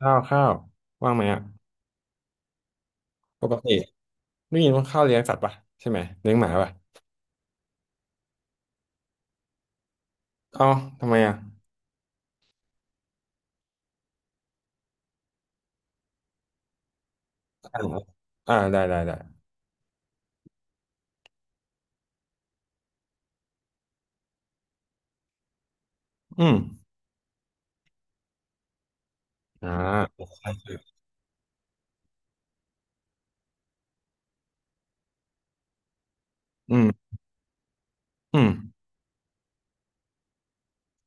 ข้าวข้าวว่างไหมอ่ะปกติได้ยินว่าข้าวเลี้ยงสัตว์ป่ะใช่ไหมเลี้ยงหมาป่ะเอ้าทำไมอ่ะอ่าอ่าได้ได้ได้อืมอ่าใช่ใช่อืมอืม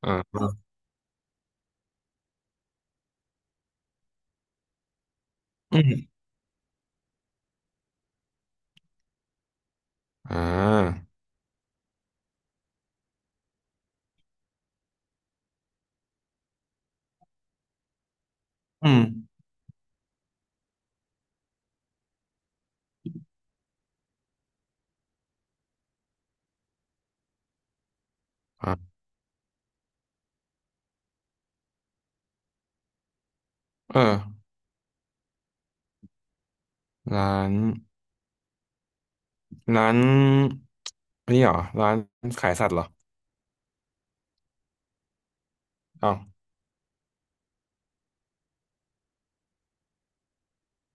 อ่าอืมอ่าอืมอ่าเออร้านร้านนี่เหรอร้านขายสัตว์เหรอเอ้า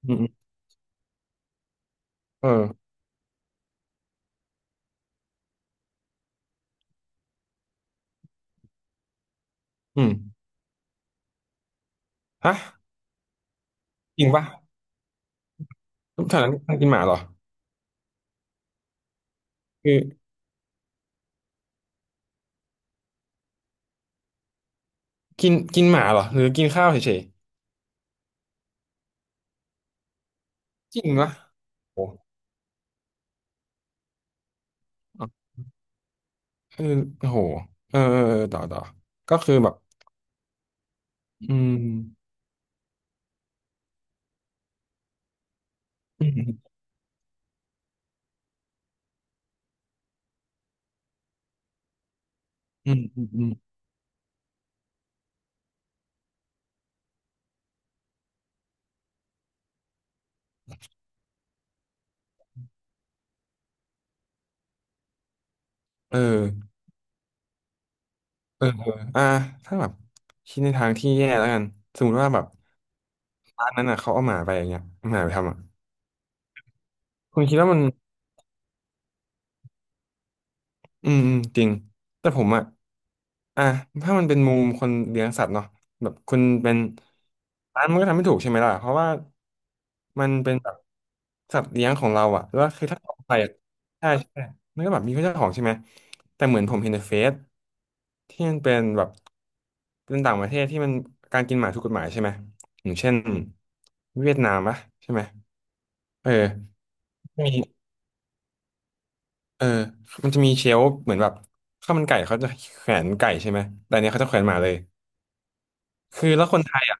อืมอืมเอออืมฮะจริงป่ะทุกแถวนั้นกินหมาเหรอคือกินกินหมาเหรอหรือกินข้าวเฉยๆจริงป่ะโอ้ เออโอ้โหเออเออเออ ต่อต่อ ก็คือแบบอืม อืม อืม อืม อืม เออ เออเอออ่ะถ้าแบบคิดในทางที่แย่แล้วกัน สมมติว่าแบบร้านนั้นอ่ะเขาเอาหมาไปอย่างเงี้ยเอาหมาไปทำอ่ะคุณคิดว่ามัน อืมอืมจริงแต่ผมอ่ะอ่ะถ้ามันเป็นมุมคนเลี้ยงสัตว์เนาะแบบคุณเป็นร้านมันก็ทำไม่ถูกใช่ไหมล่ะเพราะว่ามันเป็นแบบสัตว์เลี้ยงของเราอ่ะแล้วคือถ้าออกไปอะใช่ใช่มันก็แบบมีเจ้าของใช่ไหมแต่เหมือนผมเห็นในเฟซที่มันเป็นแบบเป็นต่างประเทศที่มันการกินหมาถูกกฎหมายใช่ไหมอย่างเช่นเวียดนามปะใช่ไหมเออมี เออมันจะมีเชลฟ์เหมือนแบบข้าวมันไก่เขาจะแขวนไก่ใช่ไหมแต่อันเนี้ยเขาจะแขวนหมาเลยคือแล้วคนไทยอ่ะ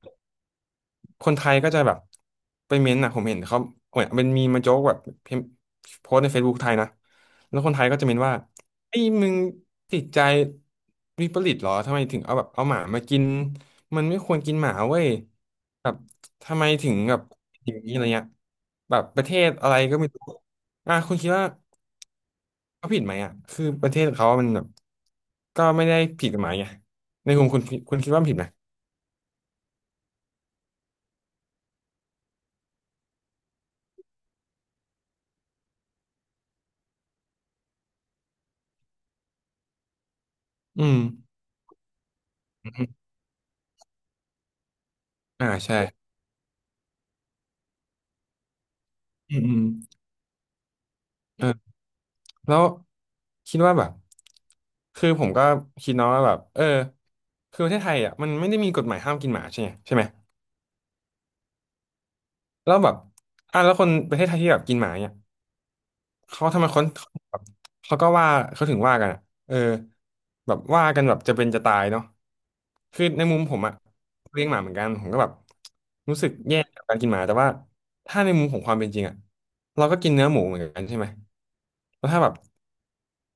คนไทยก็จะแบบไปเม้นต์อ่ะผมเห็นเขาเหมือนมันมีมาโจ๊กแบบพิมพ์โพสต์ใน Facebook ไทยนะแล้วคนไทยก็จะเม้นว่าไอ้มึงติดใจวิปริตเหรอ ทำไมถึงเอาแบบเอาหมามากิน มันไม่ควรกินหมาเว้ยแบบทำไมถึงแบบอย่างนี้อะไรเงี้ยแบบประเทศอะไรก็ไม่รู้อ่ะคุณคิดว่า เขาผิดไหมอ่ะคือประเทศเขามันแบบก็ไม่ได้ผิดกฎหมายไงในมุมคุณคุณคิดว่ามันผิดไหมอืมอืมอ่าใช่อืมอืมเออแล้วคิดว่าแบบคือผมก็คิดเนาะว่าแบบเออคือประเทศไทยอ่ะมันไม่ได้มีกฎหมายห้ามกินหมาใช่ไหมแล้วแบบอ่ะแล้วคนประเทศไทยที่แบบกินหมาเนี่ย เขาทำไมคนแบบเขาก็ว่าเขาถึงว่ากันอะเออแบบว่ากันแบบจะเป็นจะตายเนาะคือในมุมผมอะเลี้ยงหมาเหมือนกันผมก็แบบรู้สึกแย่กับการกินหมาแต่ว่าถ้าในมุมของความเป็นจริงอะเราก็กินเนื้อหมูเหมือนกันใช่ไหม แล้วถ้าแบบ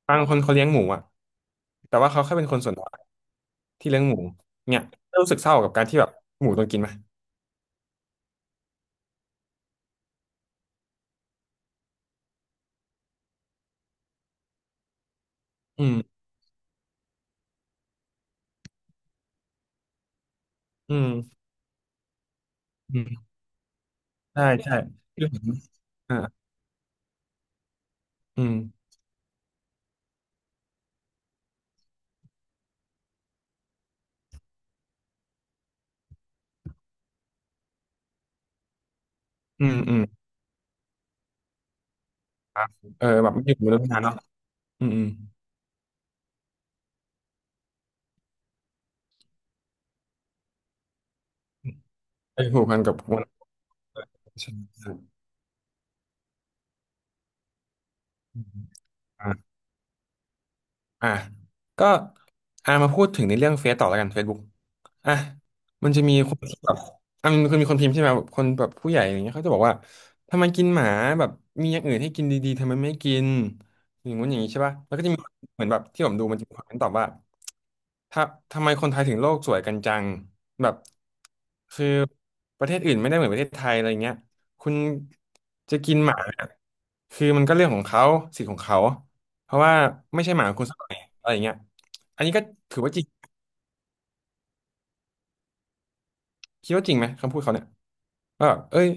บางคนเขาเลี้ยงหมูอะแต่ว่าเขาแค่เป็นคนส่วนน้อยที่เลี้ยงหมูเนี่ยรู้สึกเศร้ากับการที่แบบหมูต้องกินไหมอืมอืมอืมใช่ใช่คือผมอ่าอืมอืมอืม ครับเออแบบไม่อยู่บนรถนานเนาะอืมอืมไอ้ผูกพันกับวันใช่ใช่อ่า อ่ะก็อ่ะมาพูดถึงในเรื่องเฟซต่อแล้วกัน Facebook อ่ะมันจะมีคนแบบอ่ะมันคือมีคนพิมพ์ใช่ไหมแบบคนแบบผู้ใหญ่อย่างเงี้ยเขาจะบอกว่าทำไมกินหมาแบบมีอย่างอื่นให้กินดีๆทำไมไม่กินอย่างงู้นอย่างนี้ใช่ป่ะแล้วก็จะมีเหมือนแบบที่ผมดูมันจะมีคนตอบว่าถ้าทำไมคนไทยถึงโลกสวยกันจังแบบคือประเทศอื่นไม่ได้เหมือนประเทศไทยอะไรเงี้ยคุณจะกินหมาเนี่ยคือมันก็เรื่องของเขาสิทธิ์ของเขา เพราะว่าไม่ใช่หมาของคุณสักหน่อยอะไรอย่างเงี้ยอันนี้ก็ถือว่าจริงคิดว่าจริงไหมคำพูดเขาเนี่ยว่าแบบเอ้ย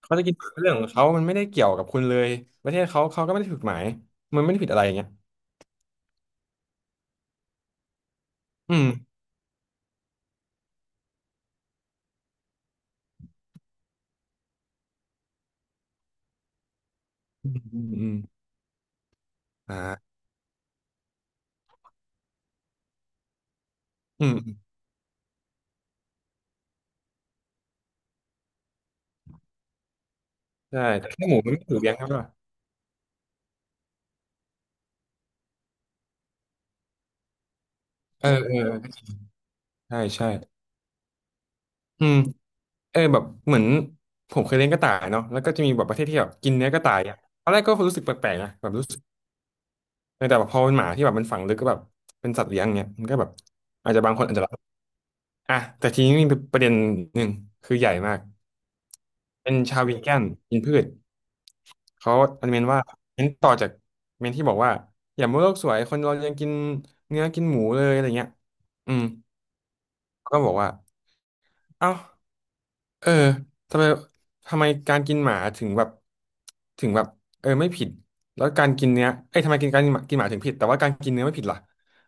เขาจะกินหมาเป็นเรื่องของเขามันไม่ได้เกี่ยวกับคุณเลยประเทศเขาเขาก็ไม่ได้ผิดกฎหมายมันไม่ได้ผิดอะไรอย่างเงี้ยอืมอืมอืมอ่าอืมอืมใช่แต่แค่หมูมันไม่ถูกเลี้ยงครับว่าเออเออใช่ใช่อืมเออแบบเหมือนผมเคยเลี้ยงกระต่ายเนาะแล้วก็จะมีแบบประเทศที่แบบกินเนื้อกระต่ายอ่ะตอนแรกก็รู้สึกแปลกๆนะแบบรู้สึกแต่แบบพอเป็นหมาที่แบบมันฝังลึกก็แบบเป็นสัตว์เลี้ยงเงี้ยมันก็แบบอาจจะบางคนอาจจะ อ่ะแต่ทีนี้มีประเด็นหนึ่งคือใหญ่มากเป็นชาววีแกนกินพืชเขาอนุเมนว่าเน้นต่อจากเมนที่บอกว่าอย่ามัวโลกสวยคนเรายังกินเนื้อกินหมูเลยอะไรเงี้ยอืมก็บอกว่าเอ้าเออทำไมทำไมการกินหมาถึงแบบถึงแบบเออไม่ผิดแล้วการกินเนื้อเอ้ยทำไมกินการกินหมาถึงผิดแต่ว่าการกินเนื้อไม่ผิดล่ะ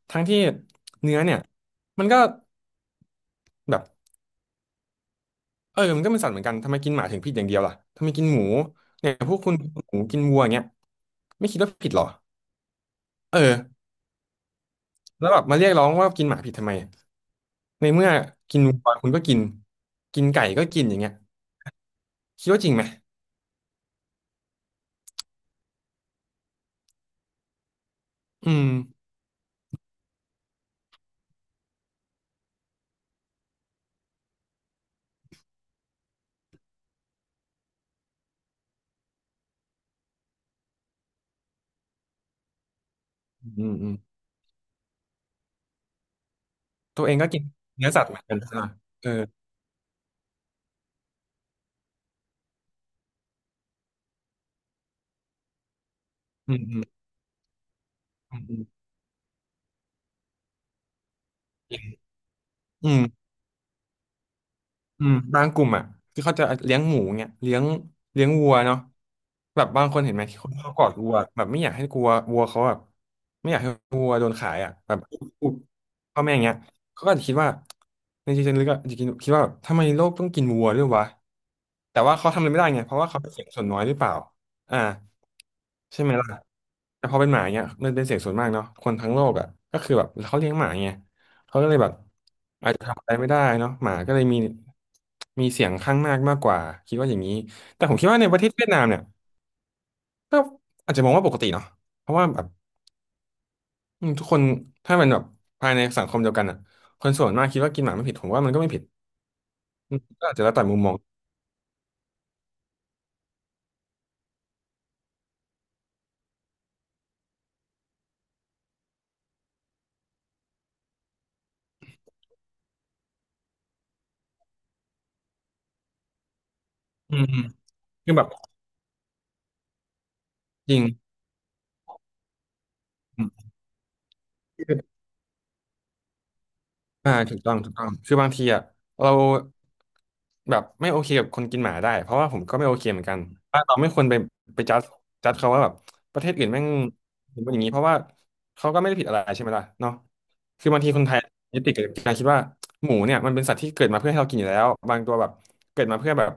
ทั้งที่เนื้อเนี่ยมันก็แบบ เออมันก็เป็นสัตว์เหมือนกันทำไมกินหมาถึงผิดอย่างเดียวล่ะทำไมกินหมูเนี่ยพวกคุณกินหมูกินวัวอย่างเงี้ยไม่คิดว่าผิดหรอเออแล้วแบบมาเรียกร้องว่ากินหมาผิดทำไมในเมื่อกินวัวคุณก็กินกินไก่ก็กินอย่างเงี้ยคิดว่าจริงไหมอืมอืมอืมตัวเองก็กินเนื้อสัตว์เหมือนกันใช่ไหมเอออืมอืมอืมอืม อืมบางกลุ่มอ่ะที่เขาจะเลี้ยงหมูเนี่ยเลี้ยงวัวเนาะแบบบางคนเห็นไหมที่เขากอดวัวแบบไม่อยากให้กลัววัวเขาแบบไม่อยากให้วัวโดนขายอ่ะแบบอุ๊บพ่อแม่อย่างเงี้ยเขาก็อาจจะคิดว่าในใจลึกๆอะอาจจะคิดว่าแบบทำไมโลกต้องกินวัวด้วยวะแต่ว่าเขาทำอะไรไม่ได้ไงเพราะว่าเขาเป็นเสียงส่วนน้อยหรือเปล่าอ่า ใช่ไหมล่ะแต่พอเป็นหมาเนี่ยมันเป็นเสียงส่วนมากเนาะคนทั้งโลกอ่ะก็คือแบบเขาเลี้ยงหมาไงเขาก็เลยแบบอาจจะทำอะไรไม่ได้เนาะหมาก็เลยมีมีเสียงข้างมากมากกว่าคิดว่าอย่างนี้แต่ผมคิดว่าในประเทศเวียดนามเนี่ยก็อาจจะมองว่าปกติเนาะเพราะว่าแบบอืมทุกคนถ้ามันแบบภายในสังคมเดียวกันอ่ะคนส่วนมากคิดว่ากินหมาไม่ผิดผมว่ามันก็ไม่ผิดอืมก็อาจจะแล้วแต่มุมมองอืมอืมคือแบบจริง อ่าถูกต้องถูกต้องคือบางทีอ่ะเราแบบไม่โอเคกับคนกินหมาได้เพราะว่าผมก็ไม่โอเคเหมือนกันว่าเราไม่ควรไปไปจัดเขาว่าแบบประเทศอื่นแม่งเป็นอย่างนี้เพราะว่าเขาก็ไม่ได้ผิดอะไรใช่ไหมล่ะเนาะคือบางทีคนไทยยึดติดกับการคิดว่าหมูเนี่ยมันเป็นสัตว์ที่เกิดมาเพื่อให้เรากินอยู่แล้วบางตัวแบบเกิดมาเพื่อแบบ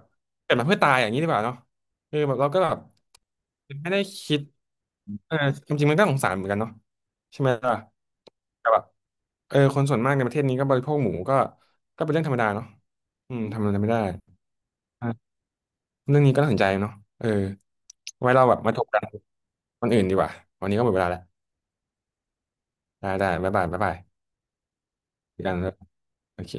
เกิดมาเพื่อตายอย่างนี้ดีกว่าเนาะคือแบบเราก็แบบไม่ได้คิด เออความจริงมันก็สงสารเหมือนกันเนาะใช่ไหมล่ะแต่แบบเออคนส่วนมากในประเทศนี้ก็บริโภคหมูก็ก็เป็นเรื่องธรรมดาเนาะอืมทำอะไรไม่ได้อ่ะเรื่องนี้ก็น่าสนใจเนาะเออไว้เราแบบมาถกกันคนอื่นดีกว่าวันนี้ก็หมดเวลาแล้วได้ได้บ๊ายบายบ๊ายบายเจอกันโอเค